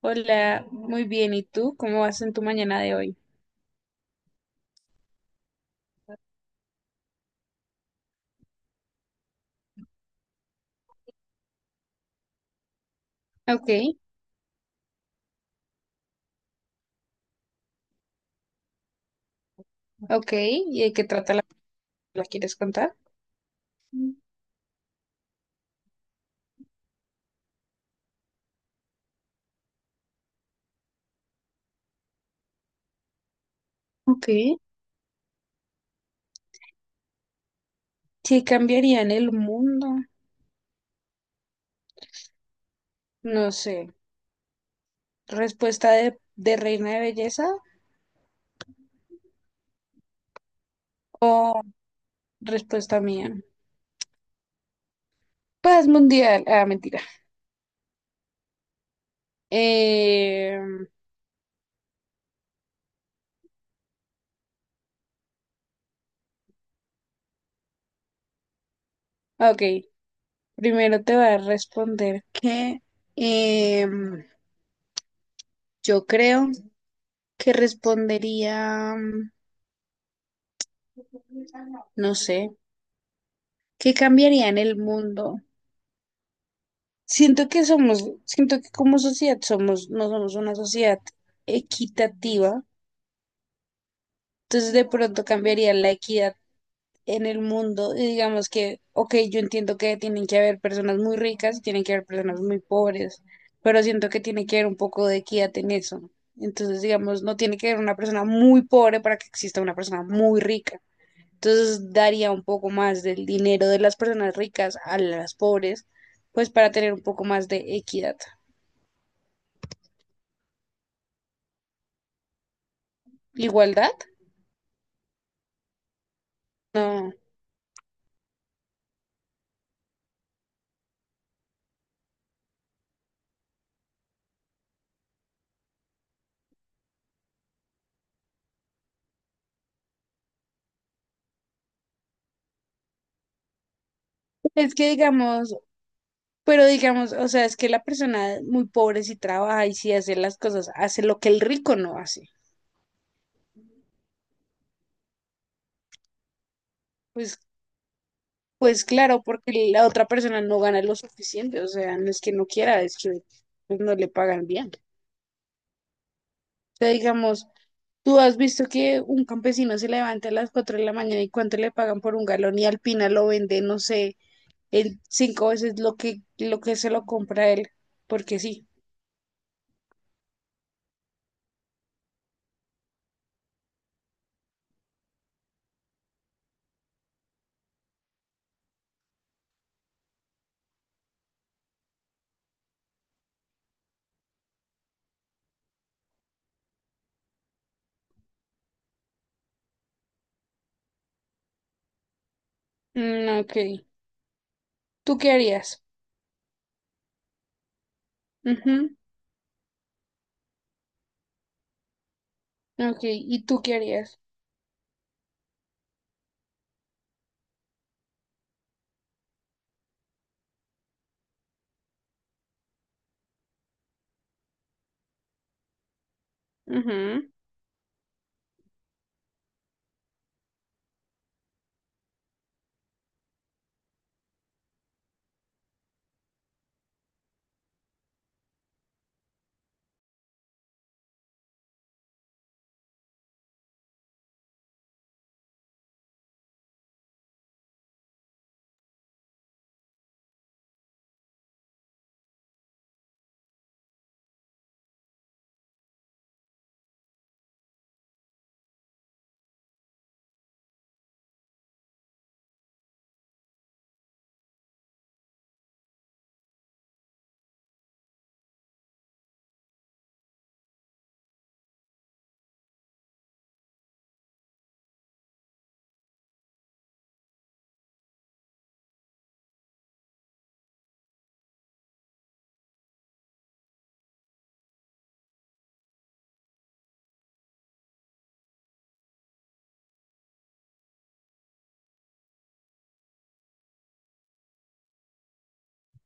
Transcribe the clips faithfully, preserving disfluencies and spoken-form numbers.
Hola, muy bien. ¿Y tú? ¿Cómo vas en tu mañana de hoy? Ok, ok. ¿Y de qué trata la película? ¿Quieres contar? Mm. Ok. ¿Qué cambiaría en el mundo? No sé. ¿Respuesta de, de reina de belleza o respuesta mía? Paz mundial. Ah, mentira. Eh, ok. Primero te voy a responder que em, yo creo que respondería, mm, no sé, ¿qué cambiaría en el mundo? Siento que somos, siento que como sociedad somos, no somos una sociedad equitativa, entonces de pronto cambiaría la equidad en el mundo y digamos que, ok, yo entiendo que tienen que haber personas muy ricas y tienen que haber personas muy pobres, pero siento que tiene que haber un poco de equidad en eso. Entonces, digamos, no tiene que haber una persona muy pobre para que exista una persona muy rica. Entonces, daría un poco más del dinero de las personas ricas a las pobres, pues para tener un poco más de equidad. ¿Igualdad? No, es que digamos, pero digamos, o sea, es que la persona muy pobre si trabaja y si hace las cosas, hace lo que el rico no hace. Pues, pues claro, porque la otra persona no gana lo suficiente, o sea, no es que no quiera, es que pues, no le pagan bien. O sea, digamos, tú has visto que un campesino se levanta a las cuatro de la mañana y cuánto le pagan por un galón y Alpina lo vende, no sé, en cinco veces lo que, lo que se lo compra él, porque sí. Mm, ok. ¿Tú qué harías? Ok, ¿y tú qué harías? Ujú.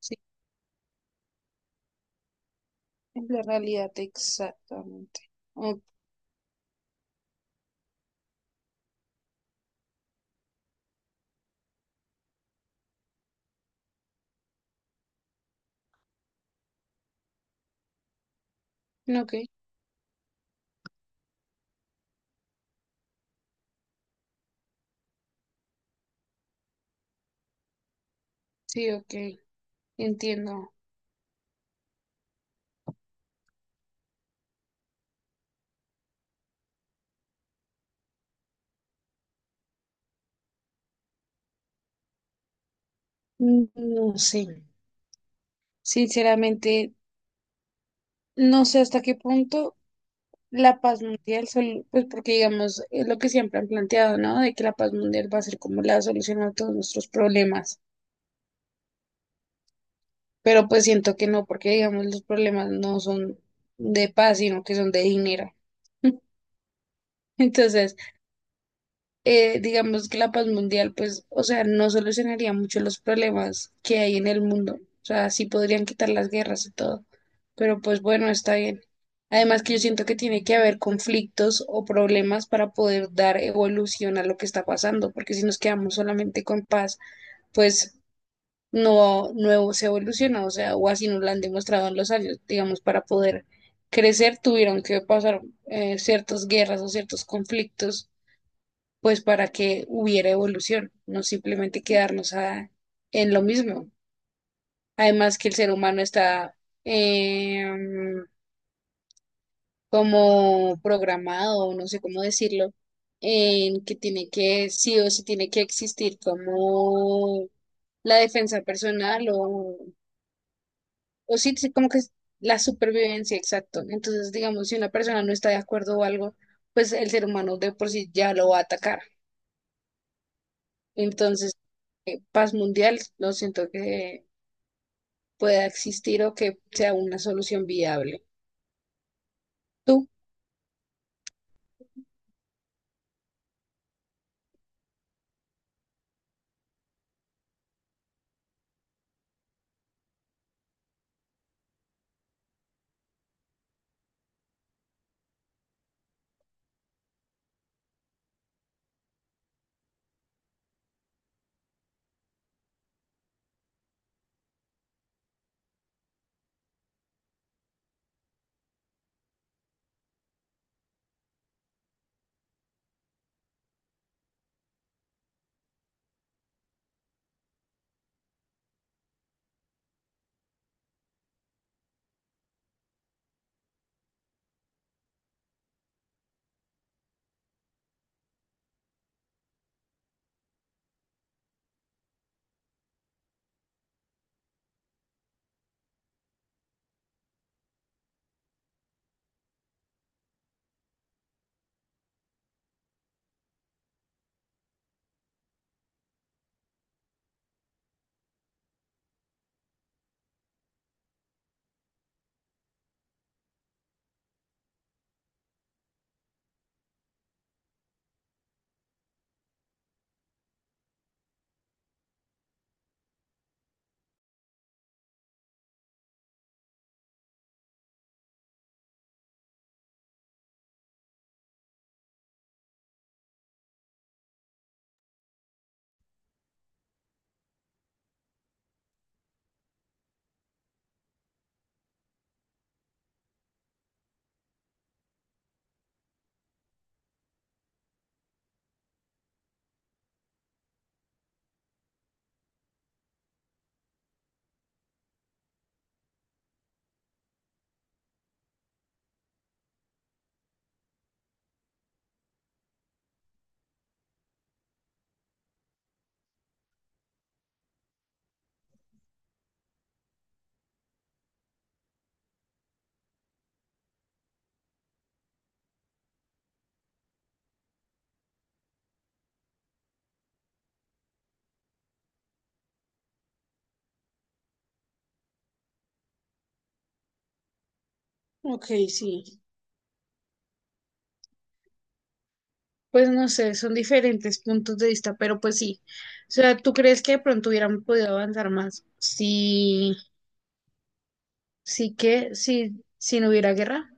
Sí, es la realidad exactamente. O- ok, sí, ok, entiendo. Mm, no sé, sinceramente, no sé hasta qué punto la paz mundial, sol- pues porque digamos, es lo que siempre han planteado, ¿no? De que la paz mundial va a ser como la solución a todos nuestros problemas, pero pues siento que no, porque digamos, los problemas no son de paz, sino que son de dinero. Entonces, eh, digamos que la paz mundial, pues, o sea, no solucionaría mucho los problemas que hay en el mundo. O sea, sí podrían quitar las guerras y todo. Pero pues bueno, está bien. Además que yo siento que tiene que haber conflictos o problemas para poder dar evolución a lo que está pasando, porque si nos quedamos solamente con paz, pues no, no se evoluciona, o sea, o así nos lo han demostrado en los años, digamos, para poder crecer tuvieron que pasar eh, ciertas guerras o ciertos conflictos pues para que hubiera evolución, no simplemente quedarnos a- en lo mismo. Además que el ser humano está em, como programado, o no sé cómo decirlo, en que tiene que, sí o sí tiene que existir como la defensa personal o, o sí, sí, como que es la supervivencia, exacto. Entonces, digamos, si una persona no está de acuerdo o algo, pues el ser humano de por sí ya lo va a atacar. Entonces, eh, paz mundial, no siento que pueda existir o que sea una solución viable. ¿Tú? Ok, sí. Pues no sé, son diferentes puntos de vista, pero pues sí. O sea, ¿tú crees que de pronto hubieran podido avanzar más? Sí, sí que, sí, si no hubiera guerra.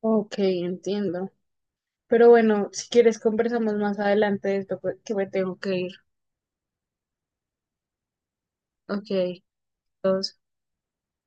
Ok, entiendo. Pero bueno, si quieres conversamos más adelante de esto, pues, que me tengo que ir. Ok. Todos.